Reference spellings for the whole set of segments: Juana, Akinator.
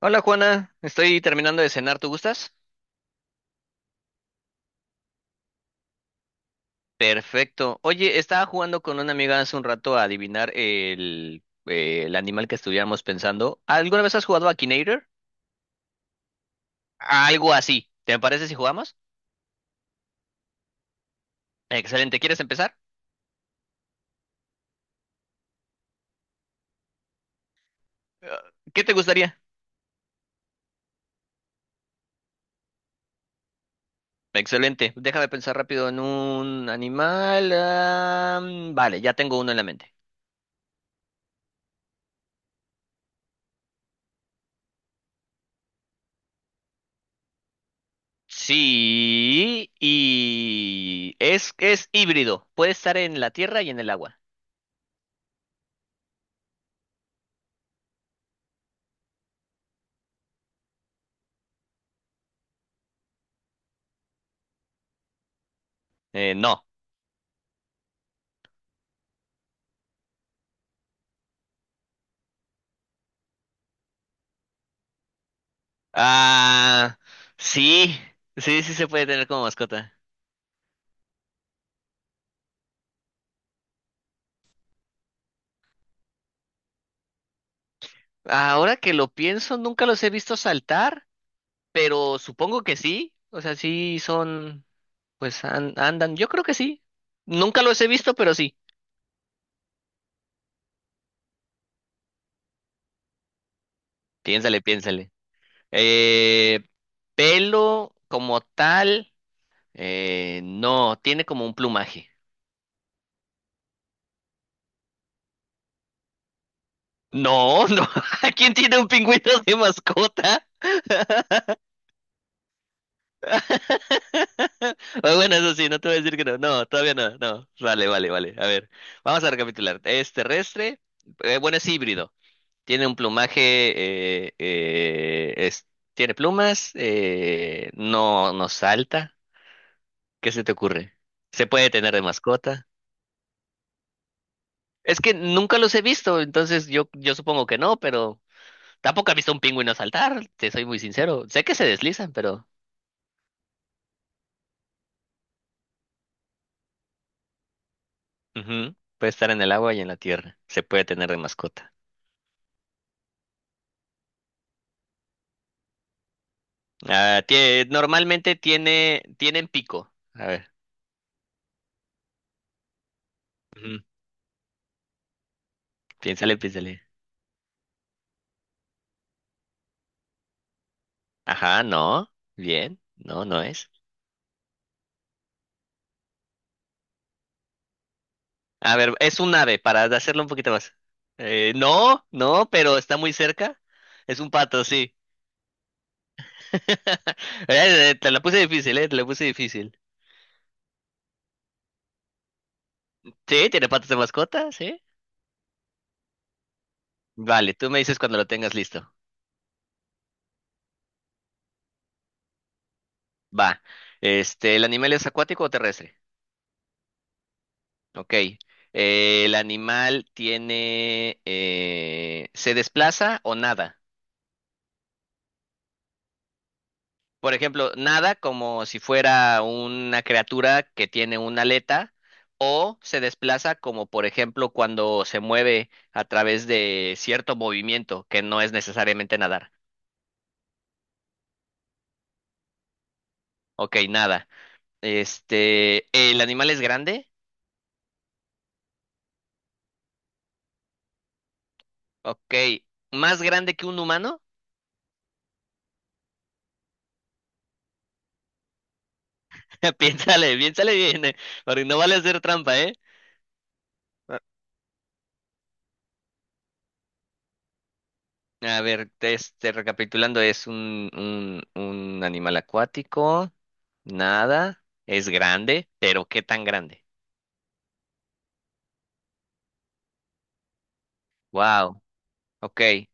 Hola Juana, estoy terminando de cenar, ¿tú gustas? Perfecto. Oye, estaba jugando con una amiga hace un rato a adivinar el animal que estuviéramos pensando. ¿Alguna vez has jugado a Akinator? Algo así. ¿Te parece si jugamos? Excelente, ¿quieres empezar? Eh, ¿Qué te gustaría? Excelente, déjame pensar rápido en un animal. Vale, ya tengo uno en la mente. Sí, y es híbrido, puede estar en la tierra y en el agua. No. Ah, sí, sí, sí se puede tener como mascota. Ahora que lo pienso, nunca los he visto saltar, pero supongo que sí. O sea, sí son, pues andan, yo creo que sí. Nunca los he visto, pero sí. Piénsale, piénsale. Eh, Pelo como tal, no, tiene como un plumaje. No, no. ¿Quién tiene un pingüino de mascota? Ah, bueno, eso sí, no te voy a decir que no. No, todavía no, no. Vale, vale, vale. A ver, vamos a recapitular. Es terrestre, bueno, es híbrido. Tiene un plumaje, eh, eh, es- tiene plumas, no, no salta. ¿Qué se te ocurre? ¿Se puede tener de mascota? Es que nunca los he visto, entonces yo supongo que no, pero tampoco he visto un pingüino saltar, te soy muy sincero. Sé que se deslizan, pero ujú, puede estar en el agua y en la tierra. Se puede tener de mascota. Ah, normalmente tienen pico. A ver, ujú, piénsale, piénsale. Ajá, no, bien, no, no es. A ver, es un ave, para hacerlo un poquito más. No, no, pero está muy cerca. Es un pato, sí. Te la puse difícil, te la puse difícil. Sí, tiene patas de mascota, sí. Vale, tú me dices cuando lo tengas listo. Va. Este, ¿el animal es acuático o terrestre? Ok. El animal ¿se desplaza o nada? Por ejemplo, nada como si fuera una criatura que tiene una aleta o se desplaza como por ejemplo cuando se mueve a través de cierto movimiento que no es necesariamente nadar. Ok, nada. Este, ¿el animal es grande? Ok, ¿más grande que un humano? Piénsale, piénsale bien, porque no vale hacer trampa, ¿eh? A ver, este, recapitulando, es un animal acuático, nada, es grande, pero ¿qué tan grande? Wow, ok,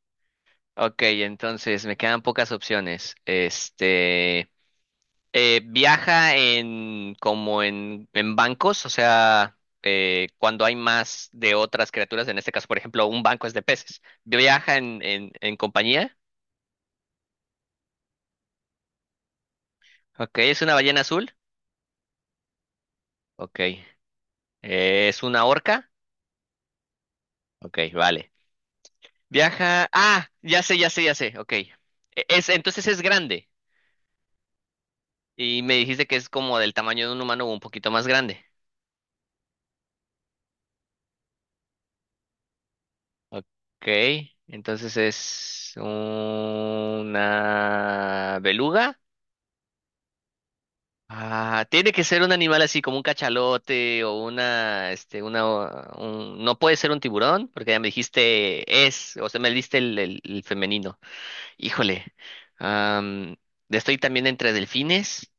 ok, entonces me quedan pocas opciones. Este, viaja en bancos, o sea, cuando hay más de otras criaturas, en este caso, por ejemplo, un banco es de peces. Viaja en compañía, ok, es una ballena azul, ok, es una orca, ok, vale. Viaja. Ah, ya sé, ya sé, ya sé. Ok. Es, entonces es grande. Y me dijiste que es como del tamaño de un humano o un poquito más grande. Ok. Entonces es una beluga. Ah, tiene que ser un animal así como un cachalote o una, este, una, o- un- no puede ser un tiburón porque ya me dijiste es, o sea, me diste el femenino. Híjole. Am, Estoy también entre delfines.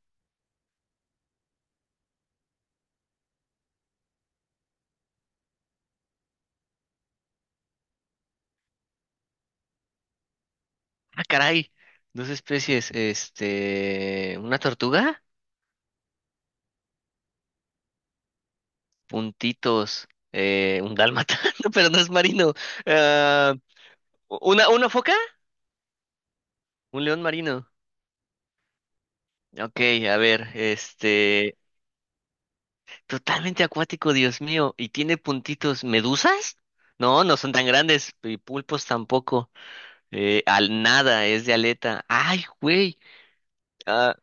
Ah, caray. Dos especies. Este. Una tortuga. Puntitos. Un dálmata. No, pero no es marino. Ah, una foca. Un león marino. Ok, a ver. Este. Totalmente acuático, Dios mío. ¿Y tiene puntitos medusas? No, no son tan grandes. Y pulpos tampoco. Al nada, es de aleta. Ay, güey. Ah,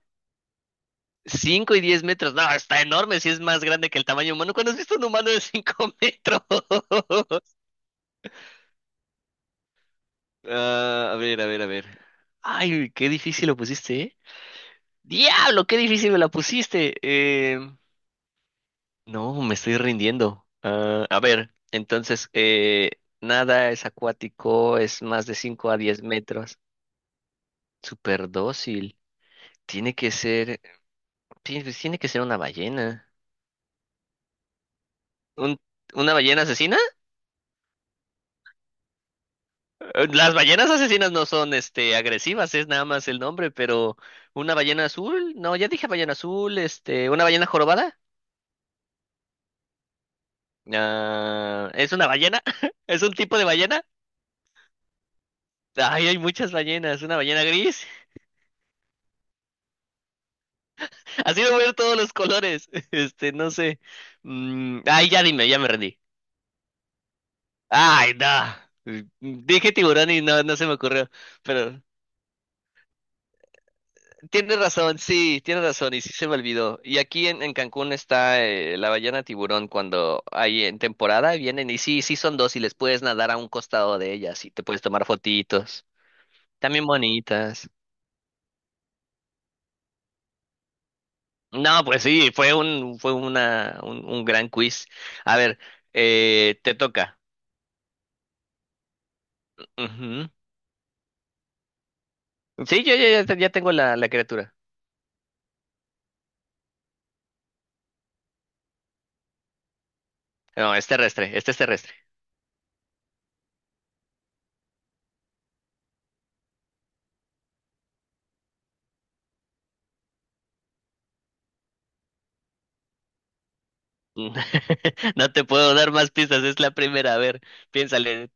5 y 10 metros. No, está enorme si es más grande que el tamaño humano. ¿Cuándo has visto un humano de 5 metros? Ah, a ver, a ver, a ver. Ay, qué difícil lo pusiste, ¿eh? ¡Diablo, qué difícil me la pusiste! No, me estoy rindiendo. Ah, a ver, entonces, nada es acuático, es más de 5 a 10 metros. Súper dócil. Tiene que ser, ti- Pues tiene que ser una ballena. ¿Un- ¿Una ballena asesina? Las ballenas asesinas no son, este, agresivas, es nada más el nombre, pero una ballena azul, no, ya dije ballena azul, este, una ballena jorobada. Ah, ¿es una ballena? ¿Es un tipo de ballena? Ay, hay muchas ballenas. ¿Una ballena gris? Así de ver todos los colores. Este, no sé. Ay, ya dime, ya me rendí. Ay, no. Dije tiburón y no, no se me ocurrió. Pero tienes razón, sí, tienes razón y sí se me olvidó. Y aquí en Cancún está la ballena tiburón cuando hay en temporada vienen y sí, sí son dos y les puedes nadar a un costado de ellas y te puedes tomar fotitos. También bonitas. No, pues sí, fue un gran quiz. A ver, te toca. Ujú. Sí, yo ya tengo la criatura. No, es terrestre, este es terrestre. No te puedo dar más pistas, es la primera. A ver, piénsale.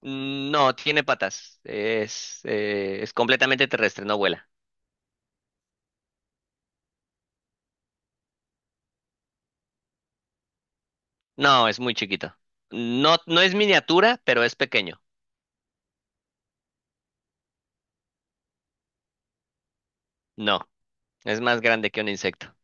No, tiene patas. Es completamente terrestre, no vuela. No, es muy chiquito. No, no es miniatura, pero es pequeño. No, es más grande que un insecto.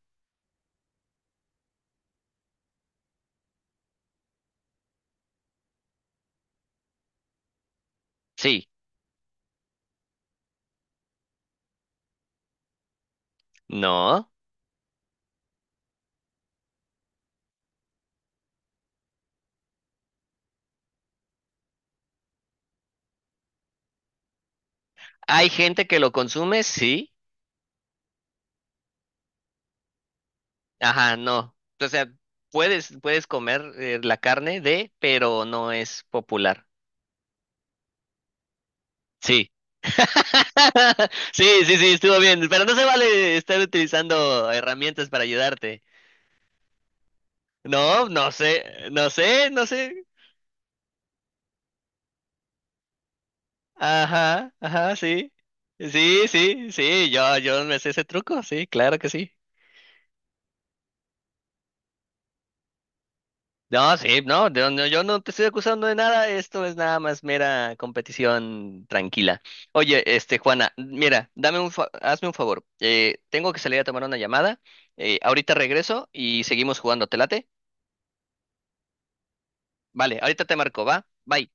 Sí, no. ¿Hay gente que lo consume? Sí. Ajá, no. O sea, puedes comer la carne de, pero no es popular. Sí. Sí, sí, sí, estuvo bien. Pero no se vale estar utilizando herramientas para ayudarte. No, no sé, no sé, no sé. Ajá, ajá, sí. Sí, sí, sí, yo me sé ese truco, sí, claro que sí. No, sí, no, yo no te estoy acusando de nada, esto es nada más mera competición tranquila. Oye, este, Juana, mira, hazme un favor, tengo que salir a tomar una llamada, ahorita regreso y seguimos jugando, ¿te late? Vale, ahorita te marco, ¿va? Bye.